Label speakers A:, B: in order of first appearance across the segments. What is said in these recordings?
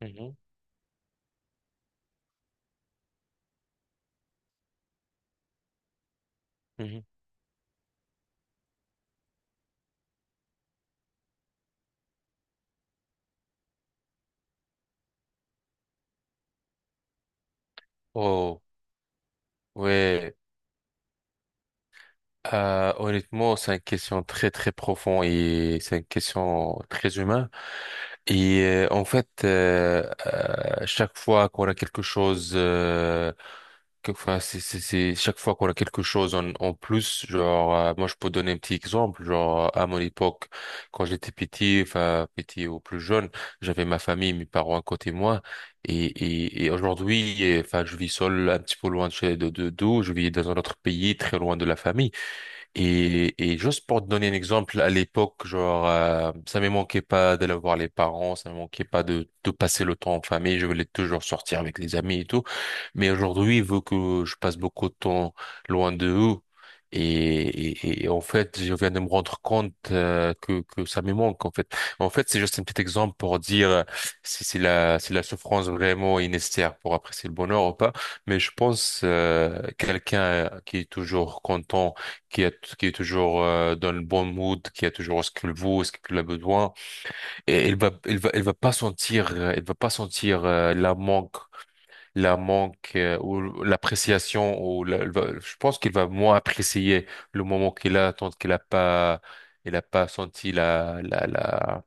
A: Mhm, mhm. Oh, ouais. Honnêtement, c'est une question très, très profonde et c'est une question très humaine. Et en fait, chaque fois qu'on a quelque chose, enfin, chaque fois qu'on a quelque chose en plus, genre, moi je peux donner un petit exemple, genre à mon époque, quand j'étais petit, enfin petit ou plus jeune, j'avais ma famille, mes parents à côté de moi, et aujourd'hui, et, enfin, je vis seul, un petit peu loin de d'où, je vis dans un autre pays, très loin de la famille. Et juste pour te donner un exemple, à l'époque, genre, ça me manquait pas d'aller voir les parents, ça me manquait pas de passer le temps en famille, je voulais toujours sortir avec les amis et tout. Mais aujourd'hui, vu que je passe beaucoup de temps loin de eux, et en fait, je viens de me rendre compte que ça me manque, en fait. En fait, c'est juste un petit exemple pour dire si, si la, si la souffrance vraiment est nécessaire pour apprécier le bonheur ou pas. Mais je pense quelqu'un qui est toujours content qui est toujours dans le bon mood, qui a toujours ce qu'il veut, ce qu'il a besoin. Et elle va pas sentir, elle va pas sentir la manque ou l'appréciation. Ou la- elle va- Je pense qu'elle va moins apprécier le moment qu'il a, tant qu'elle a pas, elle a pas senti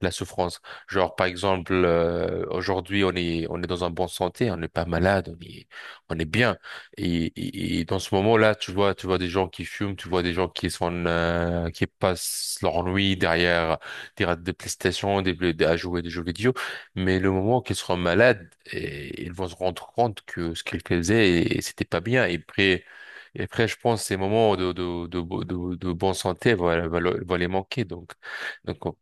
A: la souffrance. Genre, par exemple, aujourd'hui, on est dans un bon santé, on n'est pas malade, on est bien. Et dans ce moment-là, tu vois des gens qui fument, tu vois des gens qui sont, qui passent leur nuit derrière des PlayStation, à jouer des jeux vidéo. Mais le moment qu'ils seront malades, et, ils vont se rendre compte que ce qu'ils faisaient, c'était pas bien. Et après, je pense que ces moments de bonne santé vont les manquer. Donc, oh.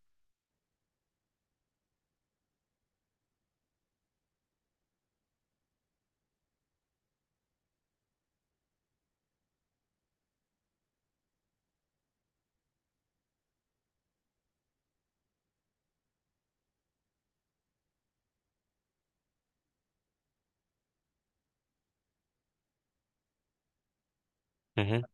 A: Mhm.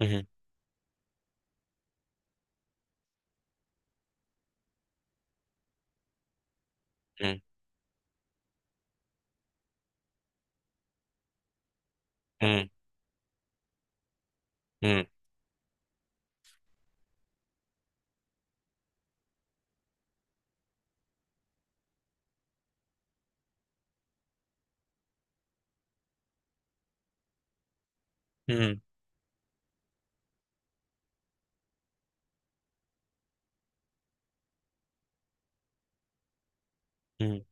A: Mhm, mhm, mhm, mhm, mhm, mhm,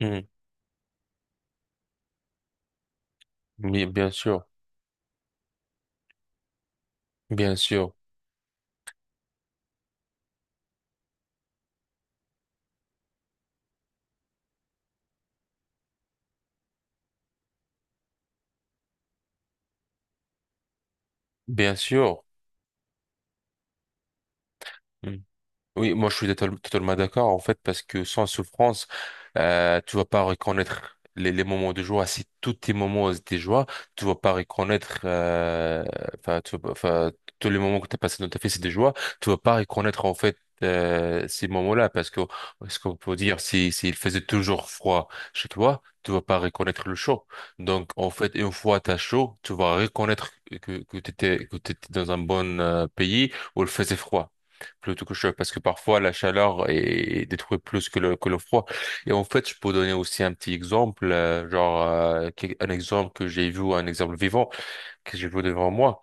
A: mhm. Oui, bien sûr, bien sûr, bien sûr. Mhm. Oui, moi je suis totalement d'accord en fait parce que sans souffrance, tu vas pas reconnaître les moments de joie. Si tous tes moments étaient joie, tu vas pas reconnaître, enfin, tu vas pas- enfin, tous les moments que tu as passé dans ta vie c'est des joies, tu vas pas reconnaître en fait ces moments-là parce que ce qu'on peut dire, si s'il faisait toujours froid chez toi, tu vas pas reconnaître le chaud. Donc en fait, une fois t'as chaud, tu vas reconnaître que t'étais dans un bon pays où il faisait froid plutôt que chaud parce que parfois la chaleur est détruit plus que le froid. Et en fait, je peux donner aussi un petit exemple, genre un exemple que j'ai vu, un exemple vivant que j'ai vu devant moi.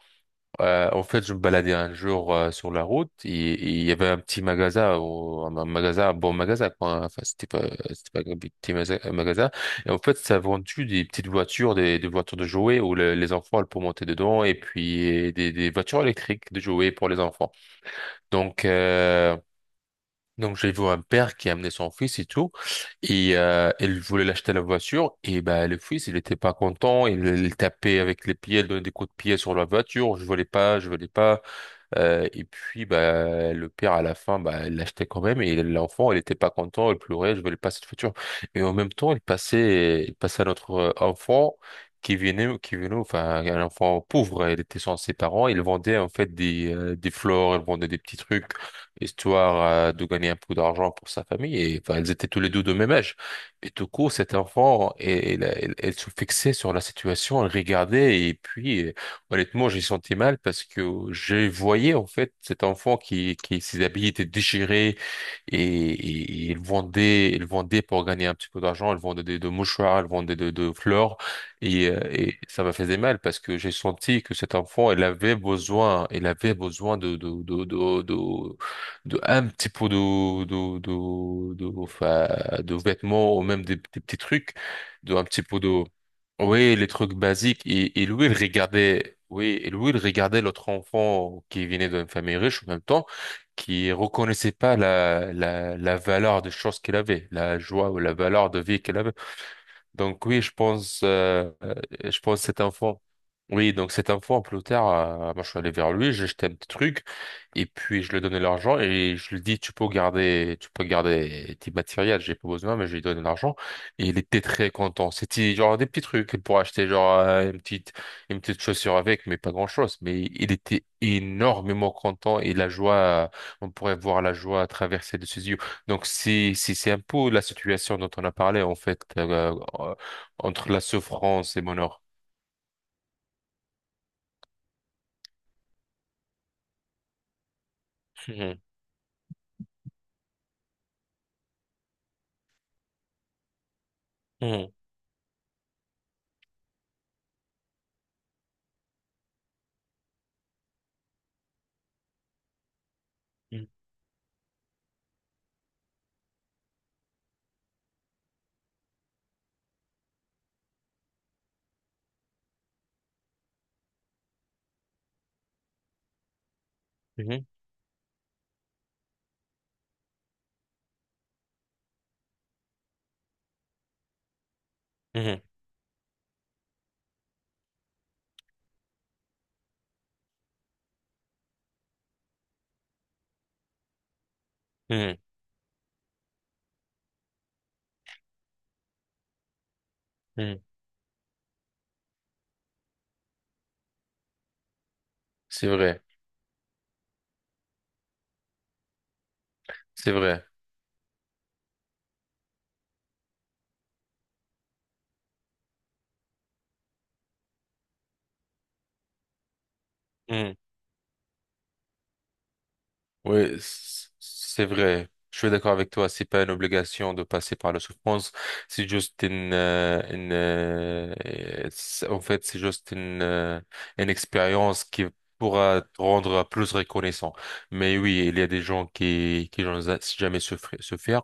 A: En fait, je me baladais un jour sur la route et il y avait un petit magasin, un magasin, un bon magasin, quoi. Hein. Enfin, c'était pas un magasin. Et en fait, ça vendait des petites voitures, des voitures de jouets où les enfants elles, peuvent monter dedans et puis des voitures électriques de jouets pour les enfants. Donc, euh, donc j'ai vu un père qui a amené son fils et tout, et il voulait l'acheter la voiture, et ben le fils il était pas content, il tapait avec les pieds, il donnait des coups de pied sur la voiture, je voulais pas, je voulais pas. Et puis, bah, le père, à la fin, bah, il l'achetait quand même. Et l'enfant, il était pas content, il pleurait, je veux pas cette voiture. Et en même temps, il passait à notre enfant qui venait, enfin, un enfant pauvre. Il était sans ses parents. Il vendait, en fait, des fleurs, il vendait des petits trucs, histoire, de gagner un peu d'argent pour sa famille. Et, enfin, ils étaient tous les deux de même âge. Et tout court, cet enfant, elle se fixait sur la situation, elle regardait, et puis, honnêtement, j'ai senti mal parce que je voyais en fait cet enfant qui ses habits étaient déchirés et, et il vendait pour gagner un petit peu d'argent, il vendait de mouchoirs, il vendait de fleurs et ça me faisait mal parce que j'ai senti que cet enfant, il avait besoin de un petit peu de, enfin, de vêtements ou même des petits trucs, de un petit peu de oui, les trucs basiques. Et lui, il regardait, oui, et lui, il regardait l'autre enfant qui venait d'une famille riche en même temps, qui reconnaissait pas la valeur des choses qu'il avait, la joie ou la valeur de vie qu'il avait. Donc oui, je pense cet enfant. Oui, donc cet enfant, plus tard, moi je suis allé vers lui, j'ai jeté un petit truc, et puis je lui ai donné l'argent, et je lui ai dit, tu peux garder tes matériels, j'ai pas besoin, mais je lui ai donné l'argent, et il était très content. C'était genre des petits trucs, pour acheter genre une petite chaussure avec, mais pas grand-chose, mais il était énormément content, et la joie, on pourrait voir la joie traverser de ses yeux. Donc si si c'est un peu la situation dont on a parlé en fait euh, entre la souffrance et mon or. Mhm, mhm, mhm, mhm, mhm, mhm. Mhm. C'est vrai, c'est vrai. Oui, c'est vrai. Je suis d'accord avec toi. C'est pas une obligation de passer par la souffrance. C'est juste en fait, c'est juste une expérience qui pourra te rendre plus reconnaissant. Mais oui, il y a des gens qui n'ont jamais souffert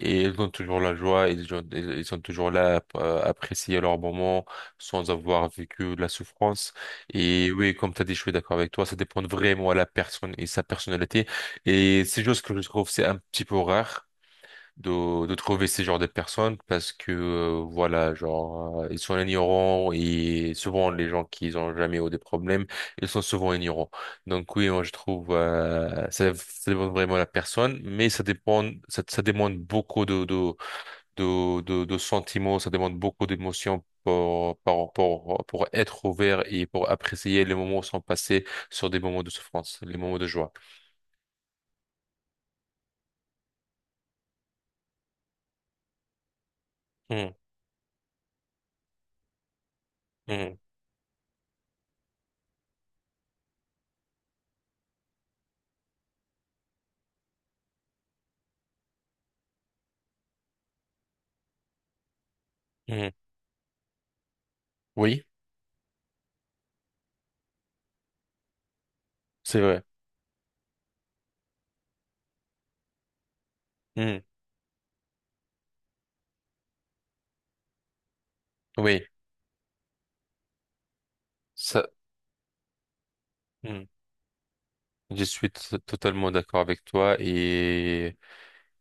A: et ils ont toujours la joie. Ils ont, ils sont toujours là à apprécier leur moment sans avoir vécu de la souffrance. Et oui, comme tu as dit, je suis d'accord avec toi. Ça dépend vraiment à la personne et sa personnalité. Et c'est juste que je trouve c'est un petit peu rare de trouver ces genres de personnes parce que voilà genre ils sont ignorants et souvent les gens qui n'ont jamais eu des problèmes ils sont souvent ignorants. Donc oui moi je trouve ça, ça dépend vraiment de la personne mais ça dépend ça, ça demande beaucoup de sentiments ça demande beaucoup d'émotions. Pour être ouvert et pour apprécier les moments sans passer sur des moments de souffrance, les moments de joie. Hmm, hmm, hmm. Oui, c'est vrai. Hmm. Oui, ça, hmm, je suis totalement d'accord avec toi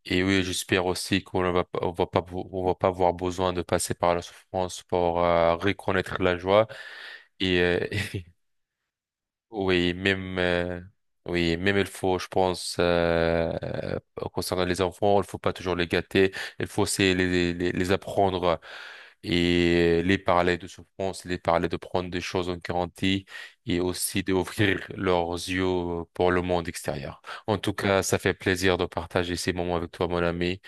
A: et oui, j'espère aussi qu'on ne va pas, on va pas, on va pas avoir besoin de passer par la souffrance pour reconnaître la joie et Oui, même, euh, oui, même il faut, je pense, concernant les enfants, il faut pas toujours les gâter. Il faut c'est les apprendre et les parler de souffrance, les parler de prendre des choses en garantie et aussi d'ouvrir leurs yeux pour le monde extérieur. En tout cas, ça fait plaisir de partager ces moments avec toi, mon ami.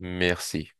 A: Merci.